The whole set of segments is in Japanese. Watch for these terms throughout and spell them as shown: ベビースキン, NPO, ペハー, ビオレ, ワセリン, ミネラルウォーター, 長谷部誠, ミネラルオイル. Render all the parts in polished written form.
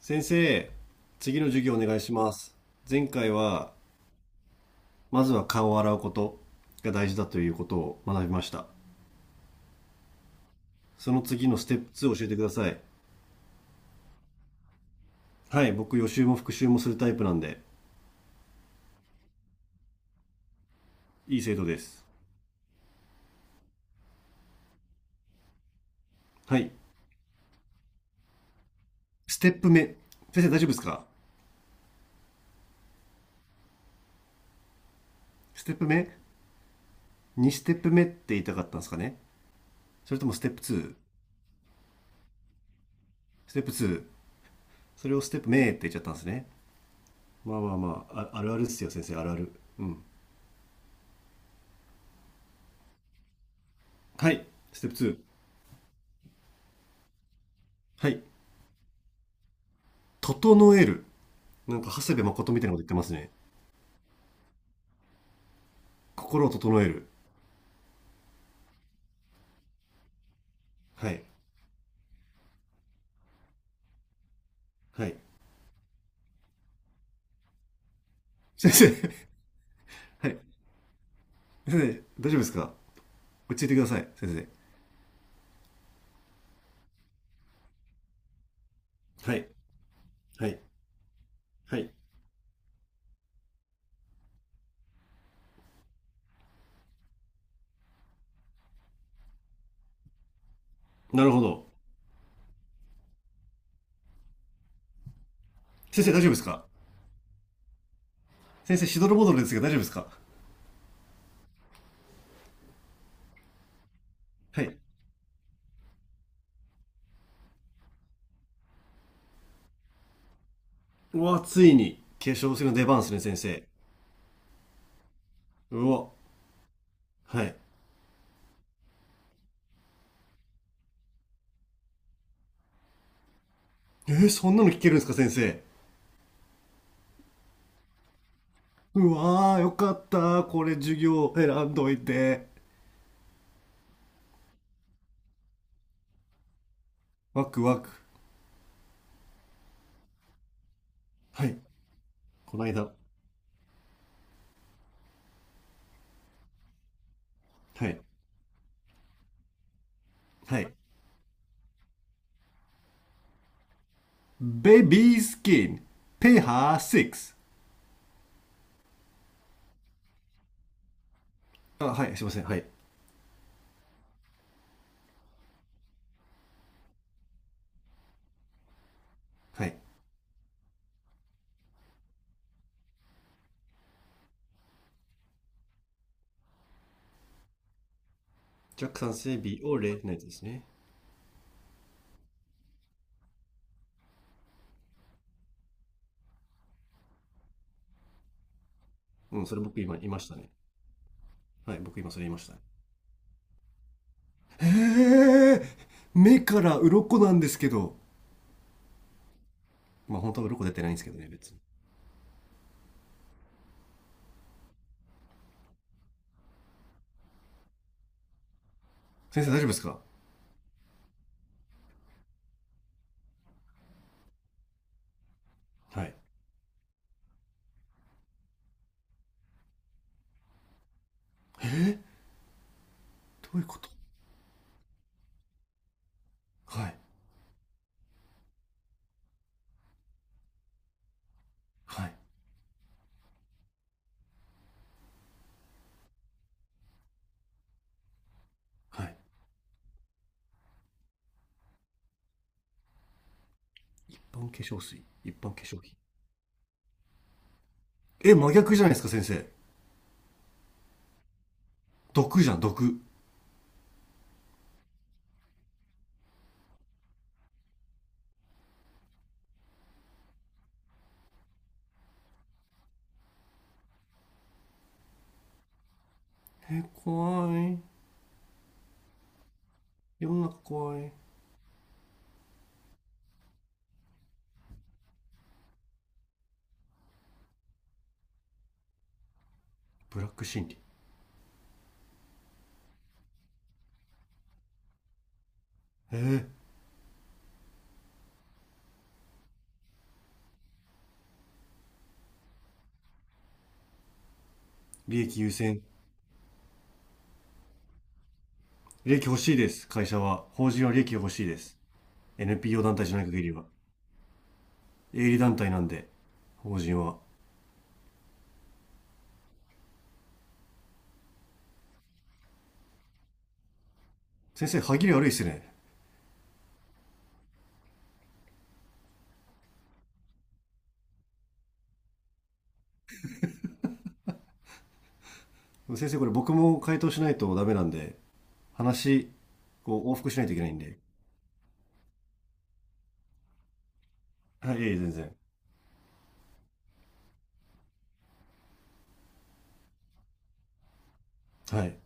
先生、次の授業お願いします。前回は、まずは顔を洗うことが大事だということを学びました。その次のステップ2を教えてください。はい、僕予習も復習もするタイプなんで、いい生徒です。はい、ステップ目。先生大丈夫ですか？ステップ目？ 2 ステップ目って言いたかったんですかね？それともステップ 2？ ステップ2。それをステップ目って言っちゃったんですね。まあまあまあ、あるあるですよ先生、あるある。うん。はい、ステップ2。はい、整える。なんか、長谷部誠みたいなこと言ってますね。心を整える。はい。はい。先生。はい。先生、大丈夫ですか？落ち着いてください、先生。はい。はい。はい。なるほど。先生、大丈夫ですか？先生、しどろもどろですが、大丈夫ですか？はい。うわ、ついに、化粧水の出番ですね、先生。うわ。はい。えー、そんなの聞けるんですか、先生？うわー、よかった。これ、授業選んどいて。ワクワク。はい。この間。はい。はい。ベビースキン、ペハー6。あ、はい、すいません。はい。はい。ジャックさん性ビオレのやつですね。うん、それ僕今言いましたね。はい、僕今それ言いました。へえ、目から鱗なんですけど。まあ本当は鱗出てないんですけどね、別に。先生大丈夫ですか？はい。どういうこと？はい。はい。はい。一般化粧水。一般化粧品。え、真逆じゃないですか、先生？毒じゃん、毒。え、怖い。世の中怖い。ブラック心理。えー、利益優先。利益欲しいです、会社は。法人は利益が欲しいです。NPO 団体じゃない限りは。営利団体なんで、法人は。先生、歯切れ悪いっすね。先生、これ僕も回答しないとダメなんで、話、こう、往復しないといけないんで。はい、ええ、全然。はい、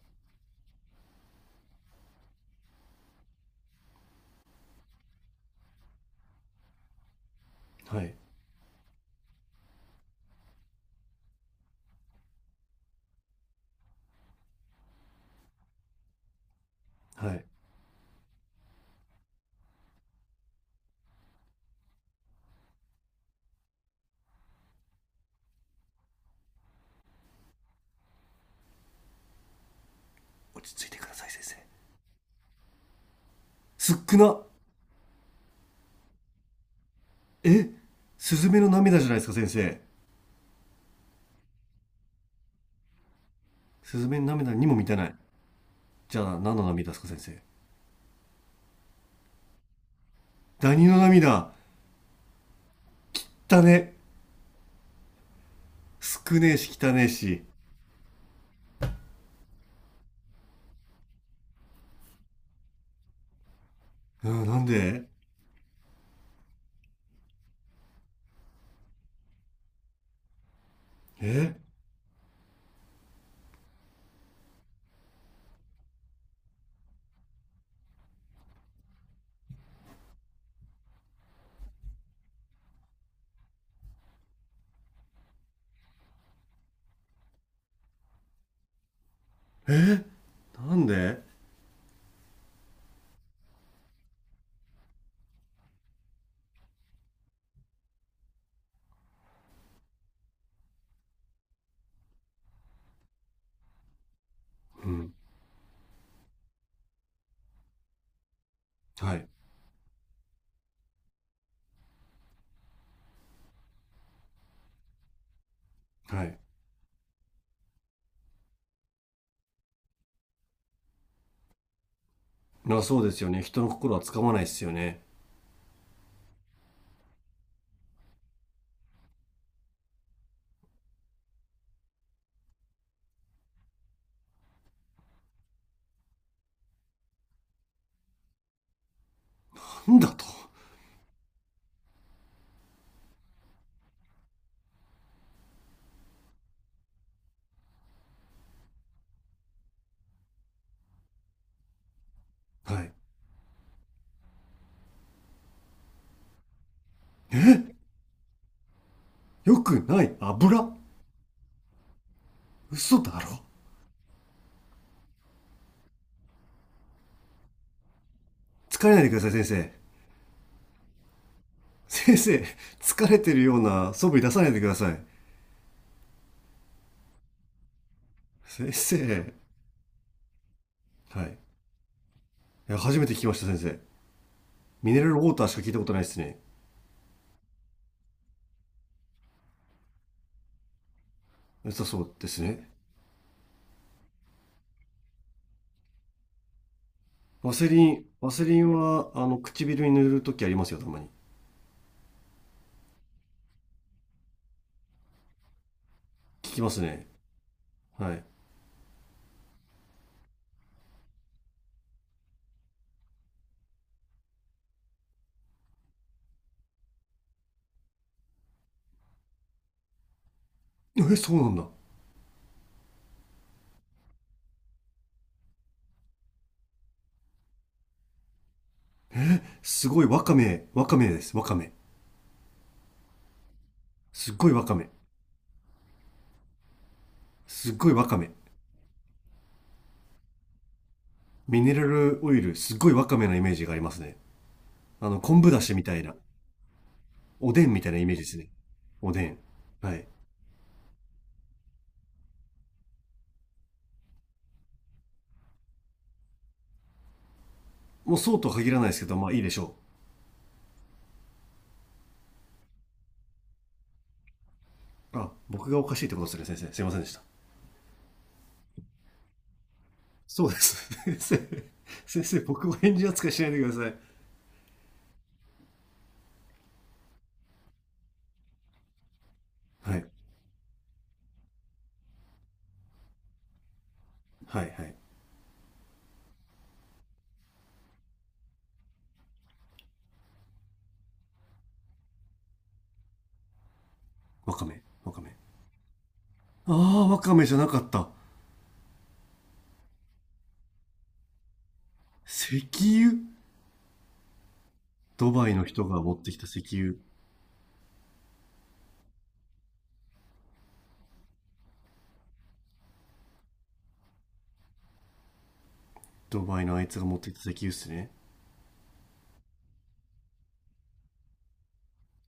はい、はい。落ち着いてください、先生。すっくなえスズメの涙じゃないですか、先生？スズメの涙にも満たない。じゃあ、何の涙ですか、先生？ダニの涙だね、少ねえし汚ねえし。うん、なんでえなんで、うん。はい。はい。な、そうですよね。人の心はつかまないですよね。なんだと？はい。よくない油。嘘だろ？疲れないでください、先生。先生、疲れてるような素振り出さないでください。先生。はい。いや、初めて聞きました、先生。ミネラルウォーターしか聞いたことないですね。良さそうですね。ワセリンは、唇に塗るときありますよ、たまに。聞きますね。はい。え、そうなんだ。すごい、ワカメ、ワカメです、ワカメ、すっごいわかめ。すっごいわかめ。ミネラルオイル、すっごいわかめのイメージがありますね。昆布だしみたいな、おでんみたいなイメージですね。おでん。はい。もうそうとは限らないですけど、まあいいでしょう。あ、僕がおかしいってことですね、先生。すいませんでした。そうです。先生、先生、僕を返事扱いしないでください。はい。はい、はい。わかめ、わかめ。ああ、わかめじゃなかった。石油。ドバイの人が持ってきた石油。ドバイのあいつが持ってきた石油っすね。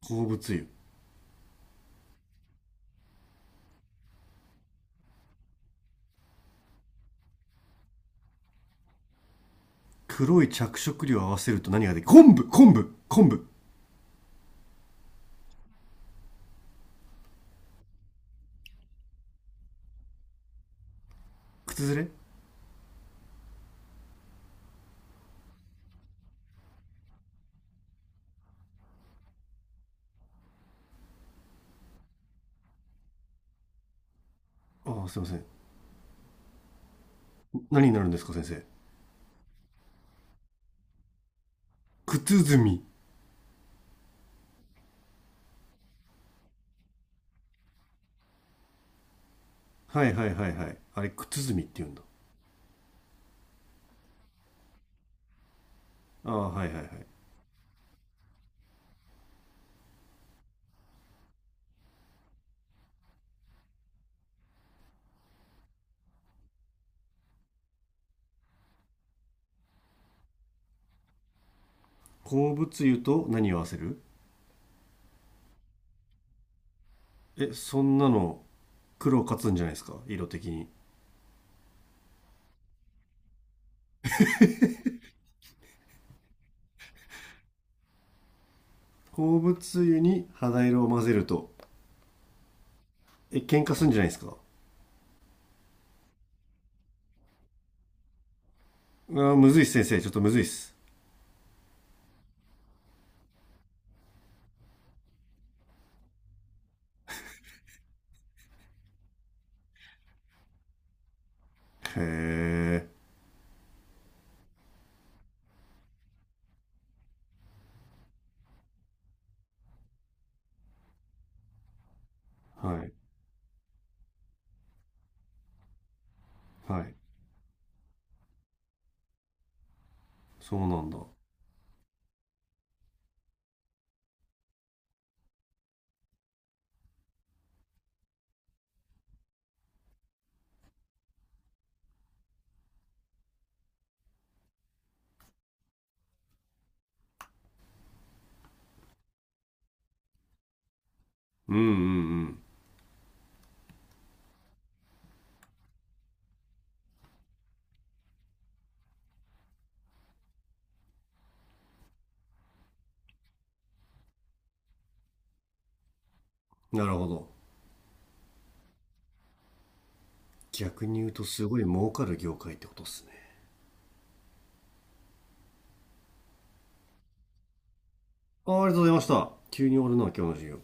鉱物油。黒い着色料を合わせると何ができる？昆布昆布昆布。靴ずれ。ああ、すいません。何になるんですか、先生？靴ずみ。はいはいはいはい。あれ、靴ずみって言うんだ。ああ、はいはいはい。鉱物油と何を合わせる？え、そんなの、黒勝つんじゃないですか、色的に。鉱物油に肌色を混ぜると。え、喧嘩するんじゃないですか。あーむずいっす、先生。ちょっとむずいっす。へえ。はい。はい。そうなんだ。うんうんうん。なるほど。逆に言うとすごい儲かる業界ってことっすね。あーありがとうございました。急に終わるな、今日の授業。